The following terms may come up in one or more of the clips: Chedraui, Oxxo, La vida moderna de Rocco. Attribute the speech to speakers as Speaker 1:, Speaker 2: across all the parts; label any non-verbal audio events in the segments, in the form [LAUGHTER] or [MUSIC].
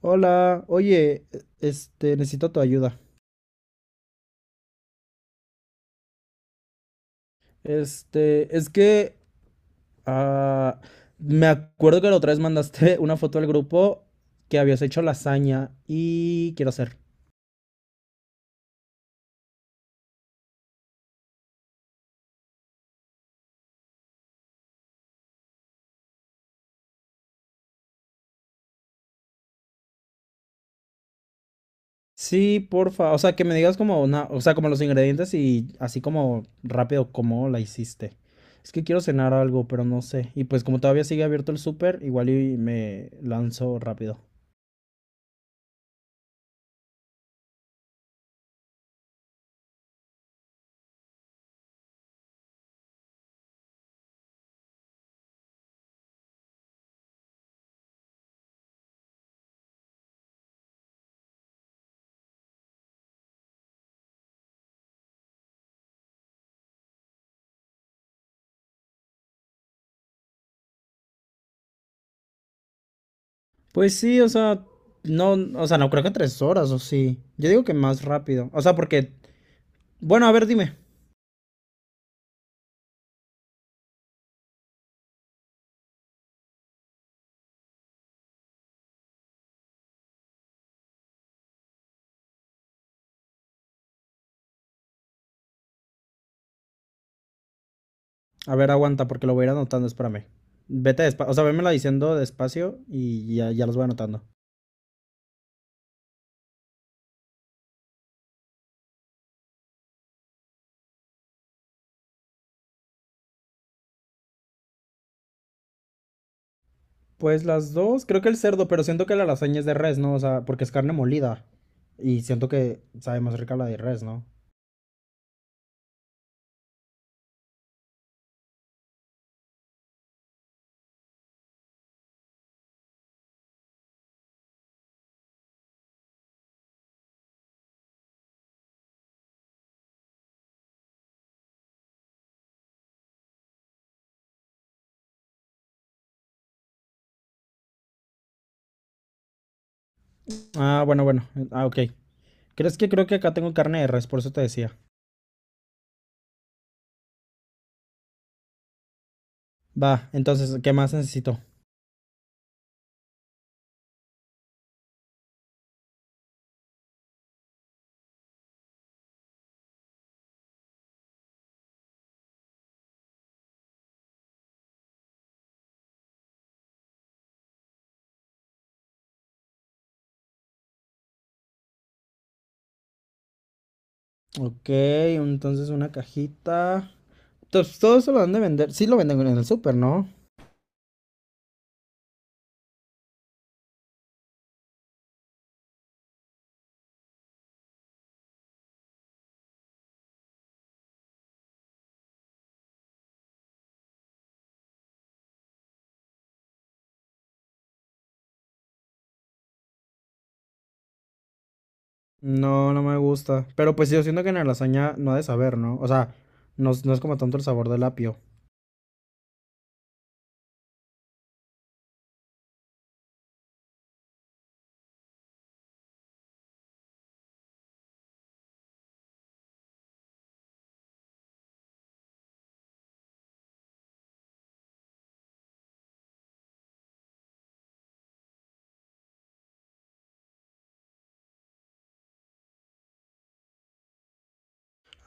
Speaker 1: Hola, oye, necesito tu ayuda. Este, es que ah, me acuerdo que la otra vez mandaste [LAUGHS] una foto al grupo que habías hecho lasaña y quiero hacer. Sí, porfa, o sea, que me digas como una, o sea, como los ingredientes y así como rápido cómo la hiciste. Es que quiero cenar algo, pero no sé. Y pues como todavía sigue abierto el súper, igual y me lanzo rápido. Pues sí, o sea, no creo que 3 horas, o sí. Yo digo que más rápido. O sea, porque, bueno, a ver, dime. A ver, aguanta, porque lo voy a ir anotando, espérame. Vete despacio, o sea, vémela diciendo despacio y ya, ya los voy anotando. Pues las dos, creo que el cerdo, pero siento que la lasaña es de res, ¿no? O sea, porque es carne molida. Y siento que sabe más rica la de res, ¿no? Ah, bueno, bueno. Ah, ok. ¿Crees que creo que acá tengo carne de res? Por eso te decía. Va, entonces, ¿qué más necesito? Ok, entonces una cajita. Entonces, todo eso lo dan de vender. Sí lo venden en el súper, ¿no? No, no me gusta. Pero pues yo siento que en la lasaña no ha de saber, ¿no? O sea, no, no es como tanto el sabor del apio.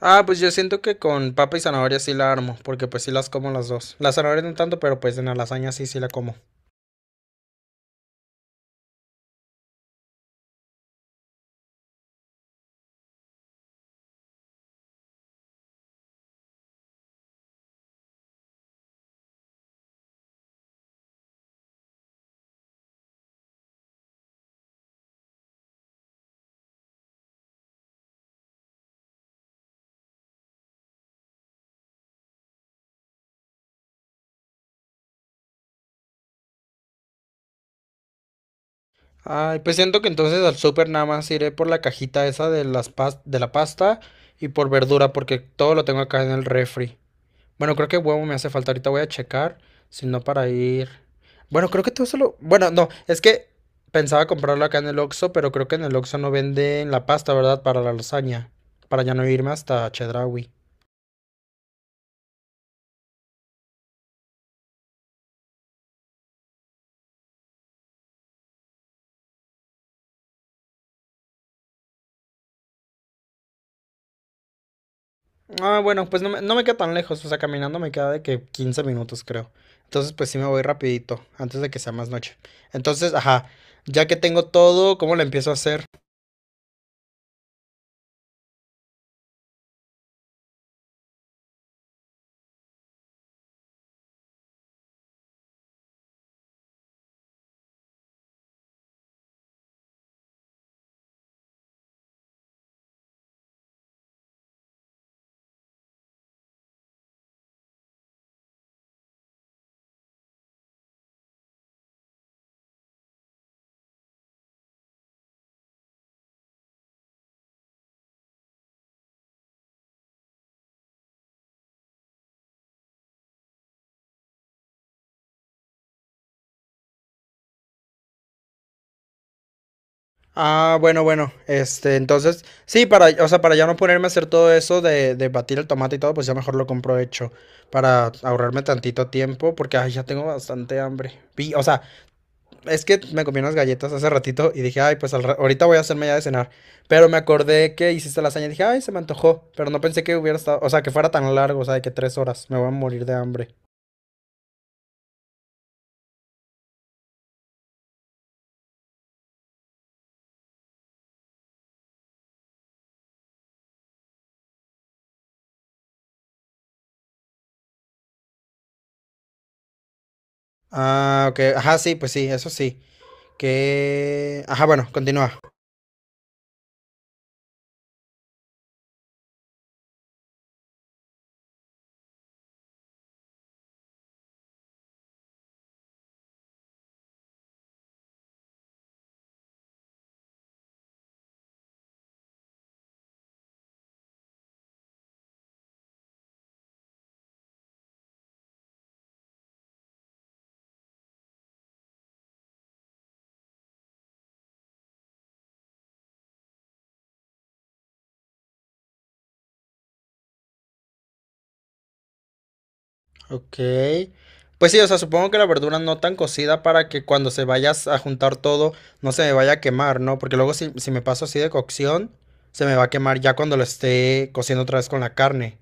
Speaker 1: Ah, pues yo siento que con papa y zanahoria sí la armo, porque pues sí las como las dos. Las zanahorias no tanto, pero pues en la lasaña sí, sí la como. Ay, pues siento que entonces al súper nada más iré por la cajita esa de de la pasta y por verdura, porque todo lo tengo acá en el refri. Bueno, creo que huevo me hace falta. Ahorita voy a checar. Si no, para ir. Bueno, creo que todo solo. Bueno, no. Es que pensaba comprarlo acá en el Oxxo, pero creo que en el Oxxo no venden la pasta, ¿verdad? Para la lasaña. Para ya no irme hasta Chedraui. Ah, bueno, pues no me queda tan lejos. O sea, caminando me queda de que 15 minutos, creo. Entonces, pues sí me voy rapidito. Antes de que sea más noche. Entonces, ajá. Ya que tengo todo, ¿cómo lo empiezo a hacer? Ah, bueno, bueno. Este, entonces, sí, para, o sea, para ya no ponerme a hacer todo eso de batir el tomate y todo, pues ya mejor lo compro hecho para ahorrarme tantito tiempo, porque ay, ya tengo bastante hambre. O sea, es que me comí unas galletas hace ratito y dije, ay, pues ahorita voy a hacerme ya de cenar, pero me acordé que hiciste lasaña y dije, ay, se me antojó, pero no pensé que hubiera estado, o sea, que fuera tan largo, o sea, de que 3 horas, me voy a morir de hambre. Ah, ok, ajá, sí, pues sí, eso sí. Que, ajá, bueno, continúa. Ok. Pues sí, o sea, supongo que la verdura no tan cocida para que cuando se vaya a juntar todo no se me vaya a quemar, ¿no? Porque luego si me paso así de cocción, se me va a quemar ya cuando lo esté cociendo otra vez con la carne.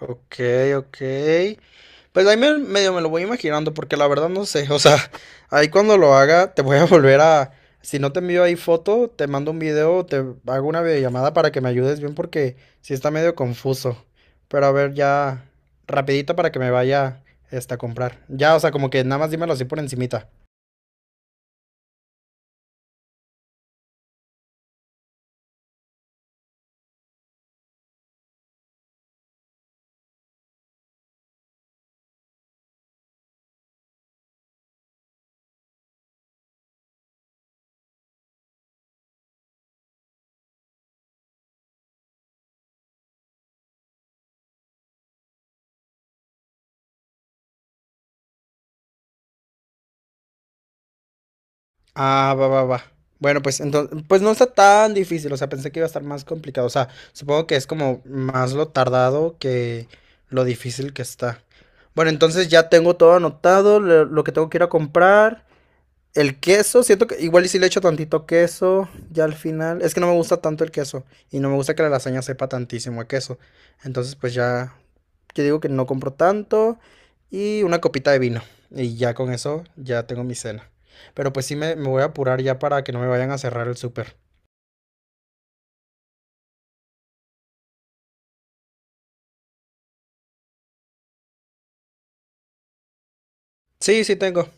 Speaker 1: Ok, ok. Pues ahí medio me lo voy imaginando, porque la verdad no sé. O sea, ahí cuando lo haga, te voy a volver a. Si no te envío ahí foto, te mando un video, te hago una videollamada para que me ayudes bien, porque sí está medio confuso. Pero a ver, ya, rapidito para que me vaya este, a comprar. Ya, o sea, como que nada más dímelo así por encimita. Ah, va, va, va. Bueno, pues entonces, pues no está tan difícil, o sea, pensé que iba a estar más complicado, o sea, supongo que es como más lo tardado que lo difícil que está. Bueno, entonces ya tengo todo anotado, lo que tengo que ir a comprar, el queso, siento que igual y si le echo tantito queso, ya al final, es que no me gusta tanto el queso y no me gusta que la lasaña sepa tantísimo a queso. Entonces, pues ya, yo digo que no compro tanto y una copita de vino y ya con eso ya tengo mi cena. Pero pues sí me voy a apurar ya para que no me vayan a cerrar el súper. Sí, sí tengo.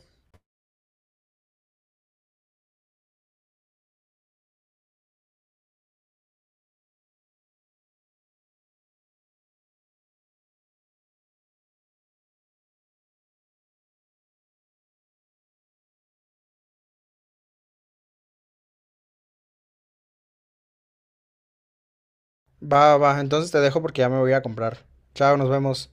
Speaker 1: Va, va, entonces te dejo porque ya me voy a comprar. Chao, nos vemos.